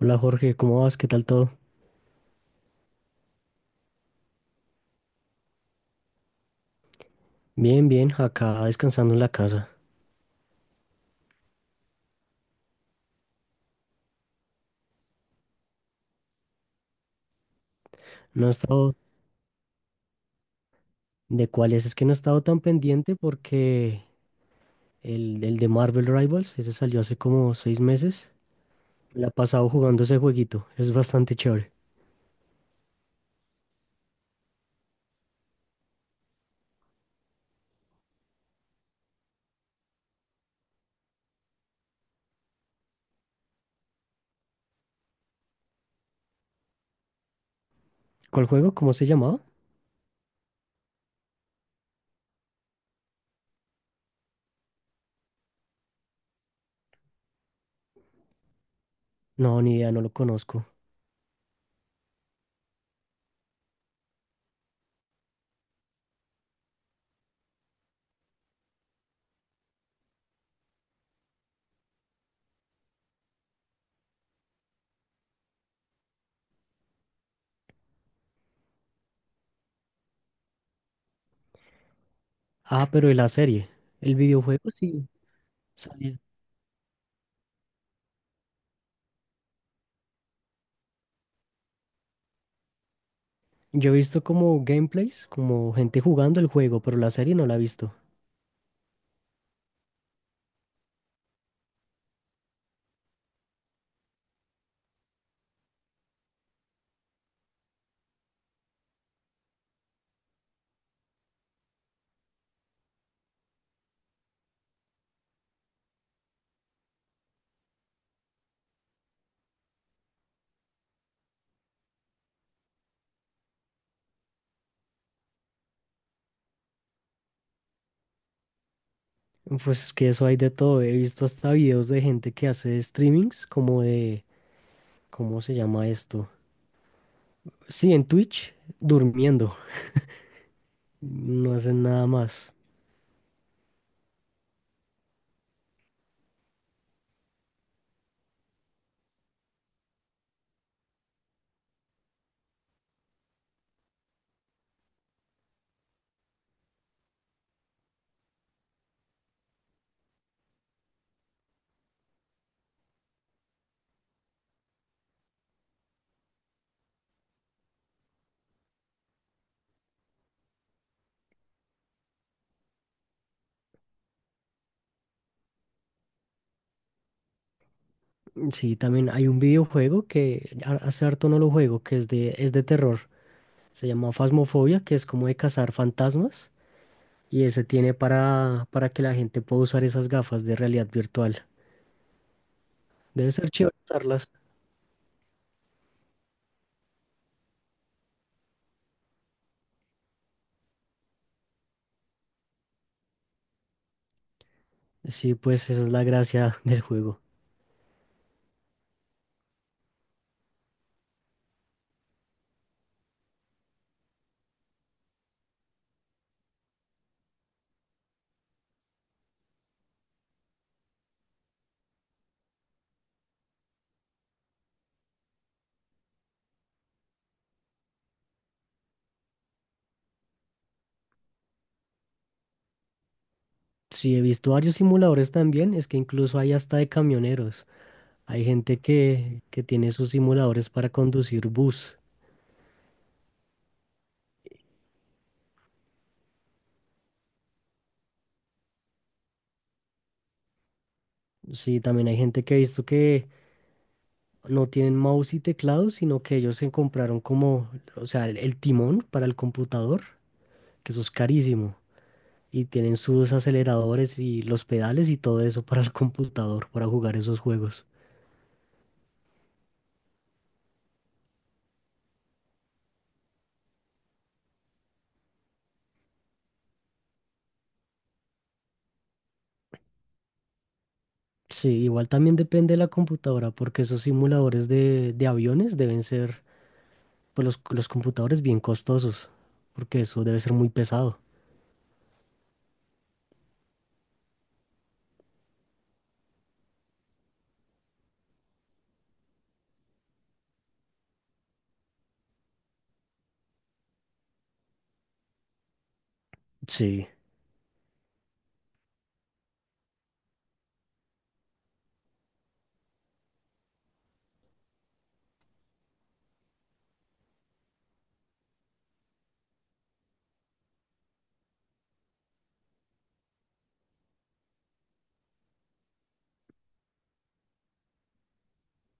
Hola Jorge, ¿cómo vas? ¿Qué tal todo? Bien, bien, acá descansando en la casa. No he estado de cuáles, es que no he estado tan pendiente porque el de Marvel Rivals, ese salió hace como 6 meses. Me la he pasado jugando ese jueguito, es bastante chévere. ¿Cuál juego? ¿Cómo se llamaba? No, ni idea, no lo conozco. Ah, pero de la serie, el videojuego sí salió. Yo he visto como gameplays, como gente jugando el juego, pero la serie no la he visto. Pues es que eso hay de todo. He visto hasta videos de gente que hace streamings como de, ¿cómo se llama esto? Sí, en Twitch, durmiendo. No hacen nada más. Sí, también hay un videojuego que hace harto no lo juego, que es de, terror. Se llama Phasmophobia, que es como de cazar fantasmas. Y ese tiene para que la gente pueda usar esas gafas de realidad virtual. Debe ser chévere usarlas. Sí, pues esa es la gracia del juego. Sí, he visto varios simuladores también, es que incluso hay hasta de camioneros. Hay gente que tiene sus simuladores para conducir bus. Sí, también hay gente que he visto que no tienen mouse y teclado, sino que ellos se compraron como, o sea, el timón para el computador, que eso es carísimo. Y tienen sus aceleradores y los pedales y todo eso para el computador, para jugar esos juegos. Sí, igual también depende de la computadora, porque esos simuladores de, aviones deben ser. Pues los computadores bien costosos, porque eso debe ser muy pesado. Sí,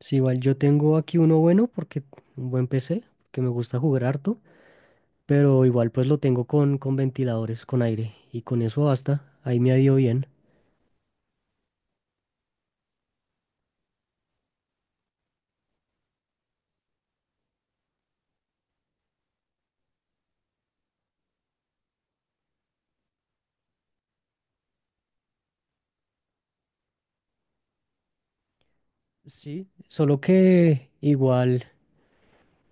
sí, igual yo tengo aquí uno bueno, porque un buen PC, que me gusta jugar harto, pero igual pues lo tengo con ventiladores, con aire, y con eso basta, ahí me ha ido bien. Sí, solo que igual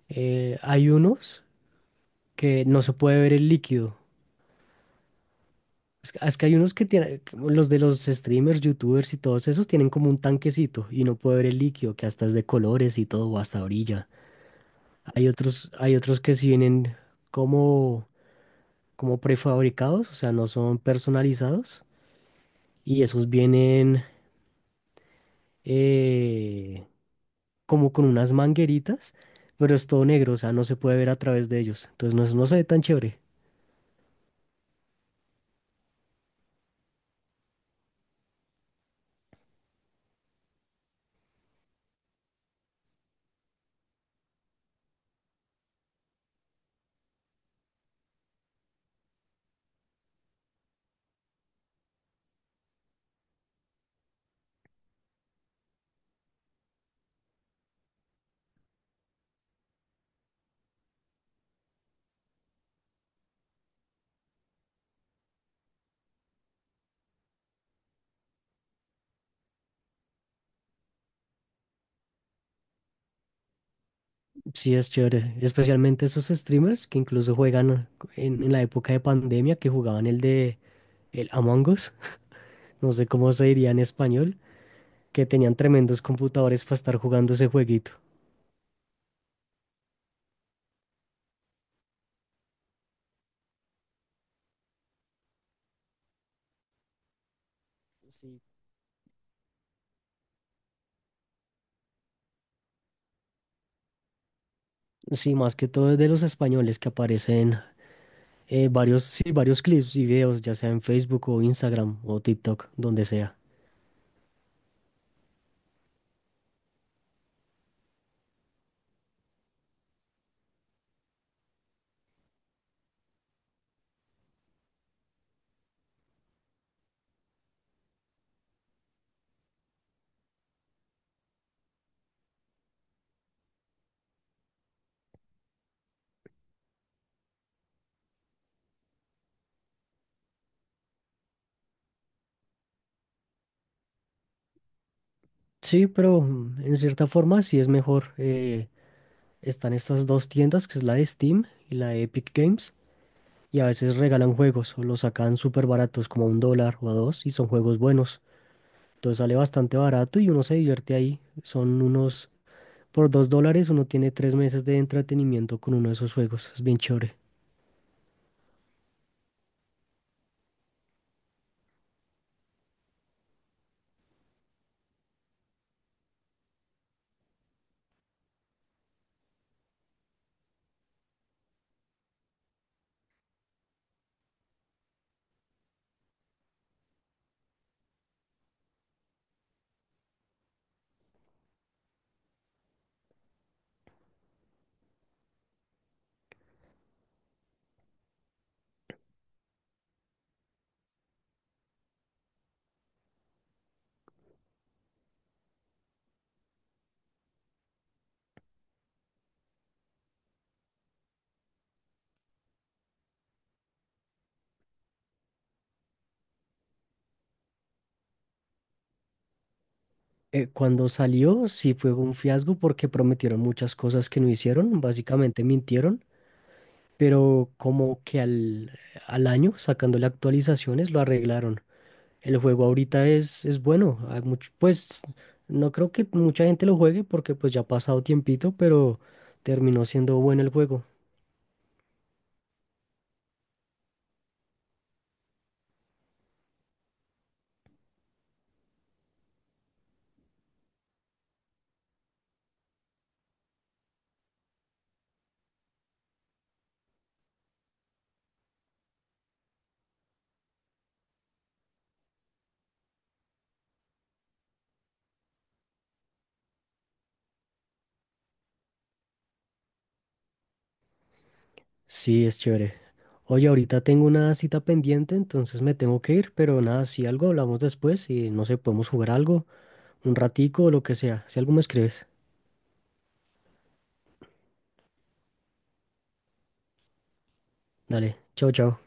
hay unos que no se puede ver el líquido. Es que hay unos que tienen, como los de los streamers, youtubers y todos esos tienen como un tanquecito y no puede ver el líquido, que hasta es de colores y todo, o hasta orilla. Hay otros que sí vienen como, como, prefabricados, o sea, no son personalizados. Y esos vienen eh, como con unas mangueritas, pero es todo negro, o sea, no se puede ver a través de ellos. Entonces no, no se ve tan chévere. Sí, es chévere. Especialmente esos streamers que incluso juegan en la época de pandemia, que jugaban el de el Among Us, no sé cómo se diría en español, que tenían tremendos computadores para estar jugando ese jueguito. Sí, más que todo es de los españoles que aparecen varios, sí, varios clips y videos, ya sea en Facebook o Instagram o TikTok, donde sea. Sí, pero en cierta forma sí es mejor. Están estas dos tiendas, que es la de Steam y la de Epic Games, y a veces regalan juegos o los sacan súper baratos, como a $1 o a dos, y son juegos buenos. Entonces sale bastante barato y uno se divierte ahí. Son unos, por $2 uno tiene 3 meses de entretenimiento con uno de esos juegos. Es bien chévere. Cuando salió, sí fue un fiasco porque prometieron muchas cosas que no hicieron, básicamente mintieron, pero como que al, año, sacándole actualizaciones, lo arreglaron. El juego ahorita es bueno, hay pues no creo que mucha gente lo juegue porque pues ya ha pasado tiempito, pero terminó siendo bueno el juego. Sí, es chévere. Oye, ahorita tengo una cita pendiente, entonces me tengo que ir, pero nada, si algo hablamos después y no sé, podemos jugar algo, un ratico o lo que sea, si algo me escribes. Dale, chau, chau.